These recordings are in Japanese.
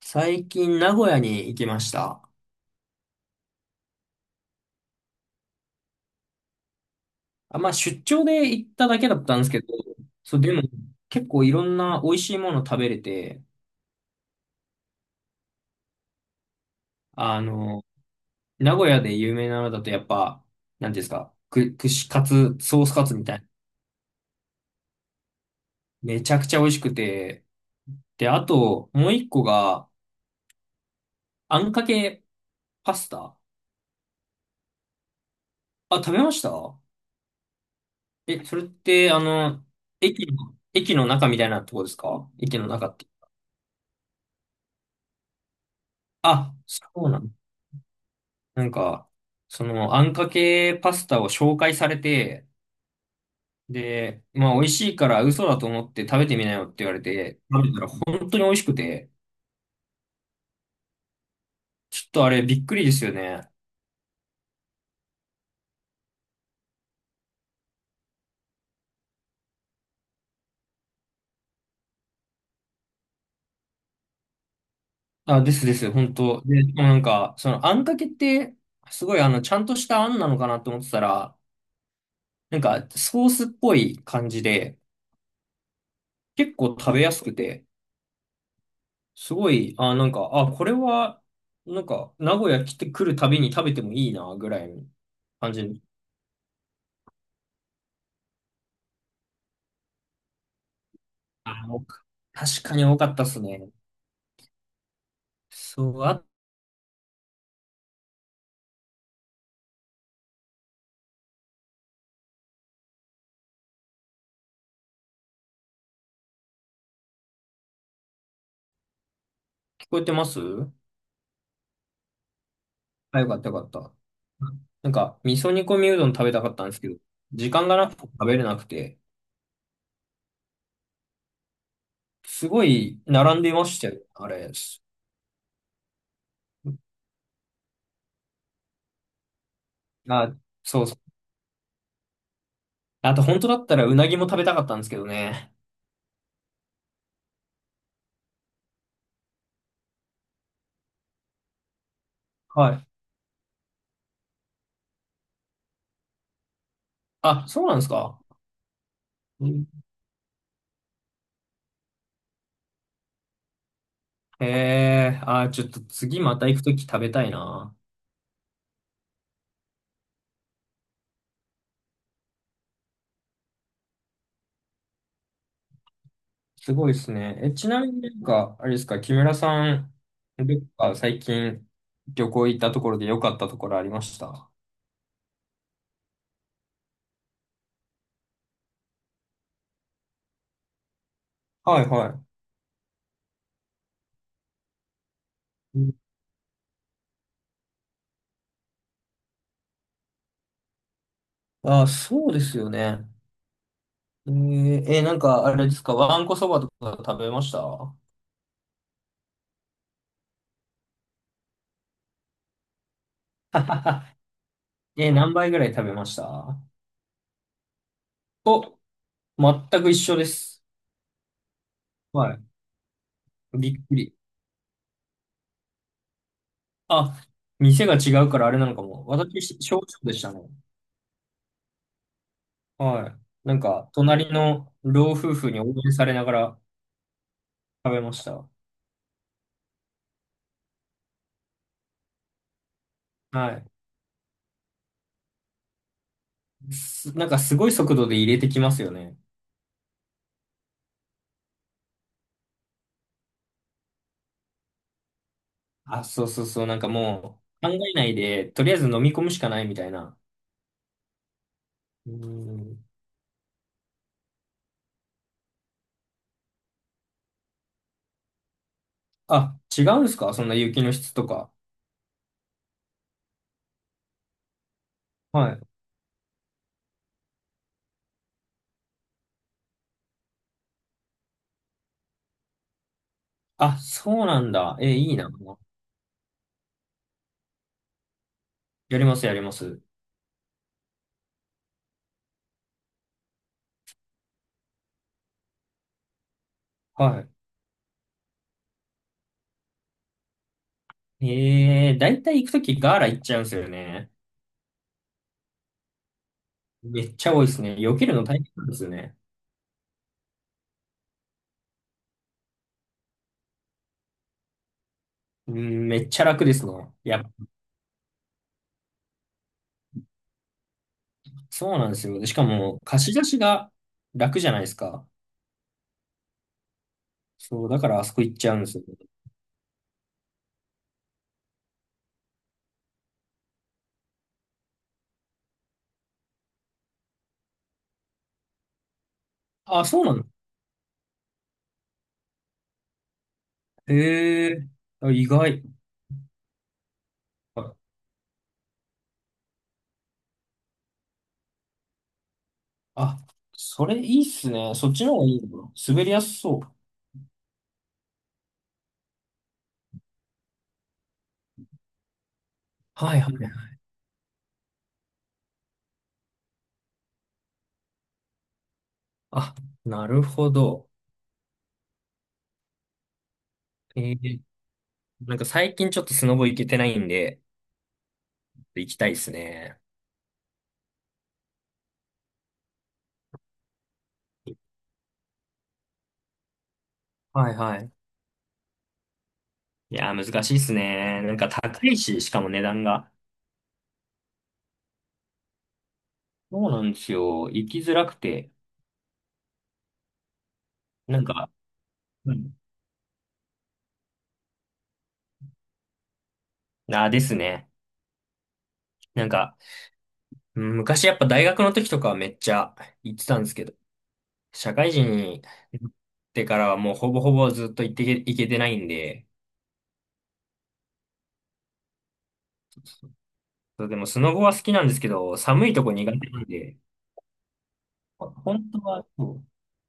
最近名古屋に行きました。あ、まあ出張で行っただけだったんですけど、そう、でも結構いろんな美味しいもの食べれて、あの、名古屋で有名なのだとやっぱ、なんていうんですか、串カツ、ソースカツみたいな。めちゃくちゃ美味しくて、で、あともう一個が、あんかけパスタ。あ、食べました？え、それって、駅の中みたいなとこですか、駅の中って。あ、そうなんだ。なんか、あんかけパスタを紹介されて、で、まあ、美味しいから嘘だと思って食べてみなよって言われて、食べたら本当に美味しくて、ちょっとあれびっくりですよね。あ、ですです、本当。で、しかもなんか、その、あんかけって、すごいちゃんとしたあんなのかなと思ってたら、なんか、ソースっぽい感じで、結構食べやすくて、すごい、あ、なんか、あ、これは、なんか、名古屋来てくるたびに食べてもいいな、ぐらいの感じ。あ、確かに多かったっすね。そう、あ、聞こえてます？あ、よかったよかった。なんか、味噌煮込みうどん食べたかったんですけど、時間がなくて食べれなくて、すごい並んでましたよ、あれ。あ、そうそう。あと、本当だったらうなぎも食べたかったんですけどね。はい。あ、そうなんですか？うん。へえ、あ、ちょっと次また行くとき食べたいな。すごいですね。え、ちなみになんか、あれですか、木村さん、どっか最近旅行行ったところで良かったところありました？はいはい。うん。あ、そうですよね。えーえなんかあれですか、わんこそばとか食べました？え、何杯ぐらい食べました？お、全く一緒です。はい。びっくり。あ、店が違うからあれなのかも。私、小食でしたね。はい。なんか、隣の老夫婦に応援されながら食べました。はい。なんかすごい速度で入れてきますよね。あ、そうそうそう。なんかもう考えないで、とりあえず飲み込むしかないみたいな。うん。あ、違うんですか、そんな雪の質とか。はい。あ、そうなんだ。え、いいな。やります、やります。はい。だいたい行くときガーラ行っちゃうんですよね。めっちゃ多いですね。避けるの大変なんですよね。うん、めっちゃ楽ですね。いや、そうなんですよ。でしかも、貸し出しが楽じゃないですか。そう、だからあそこ行っちゃうんですよね。あ、そうなんだ。ええ、あ、意外。あ、あ、それいいっすね。そっちの方がいいのかな、滑りやすそう。はいはいはい。あ、なるほど。ええ、なんか最近ちょっとスノボ行けてないんで、行きたいですね。はいはい。いやー、難しいっすね。なんか高いし、しかも値段が。そうなんですよ。行きづらくて。なんか、うん。あーですね。なんか、うん、昔やっぱ大学の時とかはめっちゃ行ってたんですけど、社会人になってからはもうほぼほぼずっと行けてないんで、そうでもスノボは好きなんですけど、寒いとこ苦手なんで、本当はそう、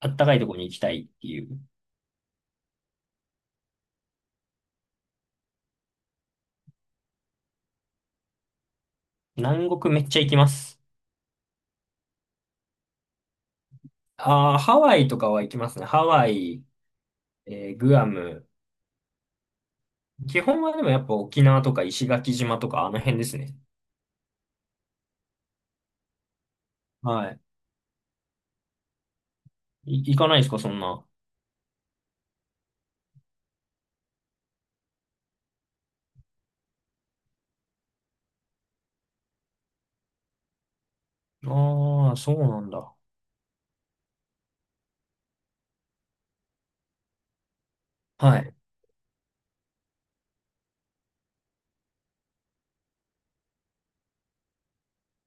あったかいとこに行きたいっていう。南国めっちゃ行きます。ああ、ハワイとかは行きますね。ハワイ、グアム。基本はでもやっぱ沖縄とか石垣島とかあの辺ですね。はい。行かないですか、そんな。ああ、そうなんだ。はい。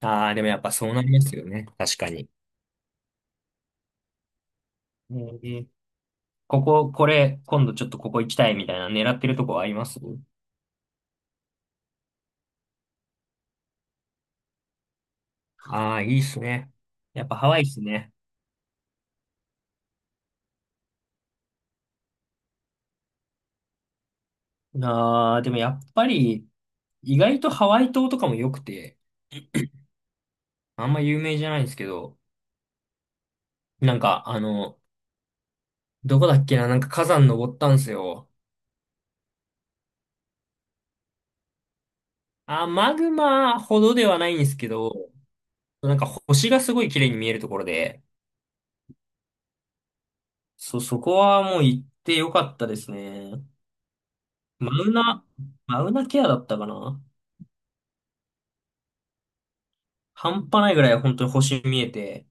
ああ、でもやっぱそうなりますよね。確かに。えー、ここ、これ、今度ちょっとここ行きたいみたいな狙ってるとこあります？ああー、いいっすね。やっぱハワイっすね。ああ、でもやっぱり、意外とハワイ島とかも良くて、あんま有名じゃないんですけど、なんか、あの、どこだっけな、なんか火山登ったんすよ。あー、マグマほどではないんですけど、なんか星がすごい綺麗に見えるところで、そこはもう行って良かったですね。マウナ、マウナケアだったかな？半端ないぐらい本当に星見えて、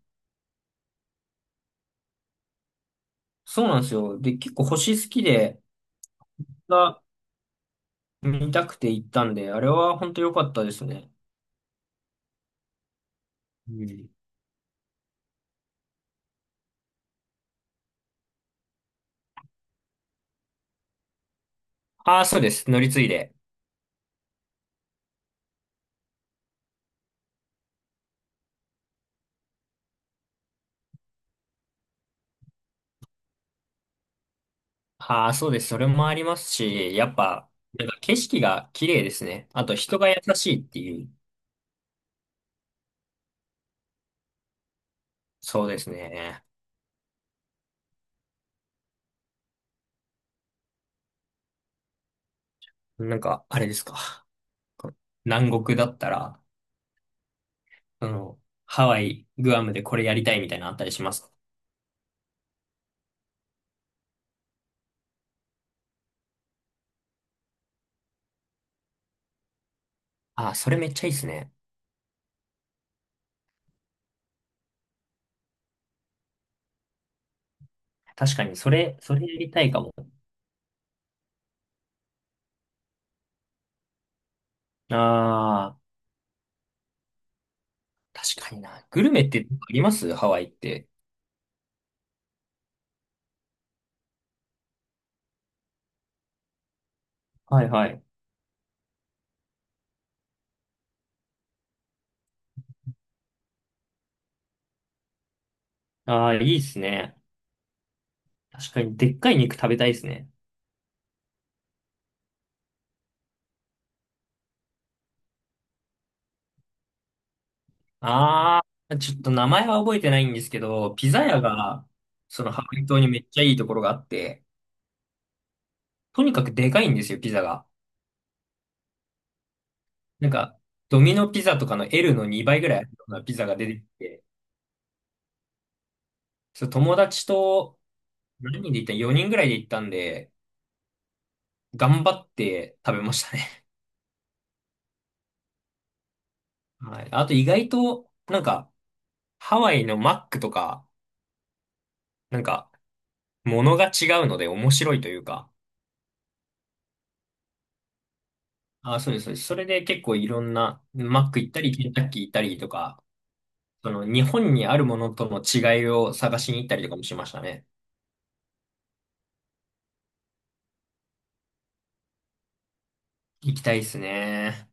そうなんですよ。で、結構星好きで、が見たくて行ったんで、あれは本当良かったですね。うん。ああ、そうです。乗り継いで。ああ、そうです。それもありますし、やっぱ、なんか景色が綺麗ですね。あと人が優しいっていう。そうですね。なんか、あれですか。南国だったら、あの、ハワイ、グアムでこれやりたいみたいなのあったりします？ああ、それめっちゃいいですね。確かに、それ、それやりたいかも。ああ。確かにな。グルメってありますハワイって。はいはい。ああ、いいっすね。確かに、でっかい肉食べたいですね。あー、ちょっと名前は覚えてないんですけど、ピザ屋が、そのハワイ島にめっちゃいいところがあって、とにかくでかいんですよ、ピザが。なんか、ドミノピザとかの L の2倍ぐらいあるようなピザが出てきて、そう友達と何人で行った？ 4 人ぐらいで行ったんで、頑張って食べましたね。はい。あと意外と、なんか、ハワイのマックとか、なんか、ものが違うので面白いというか、あ、そうです、そうです。それで結構いろんな、マック行ったり、ケンタッキー行ったりとか、その日本にあるものとの違いを探しに行ったりとかもしましたね。行きたいですね。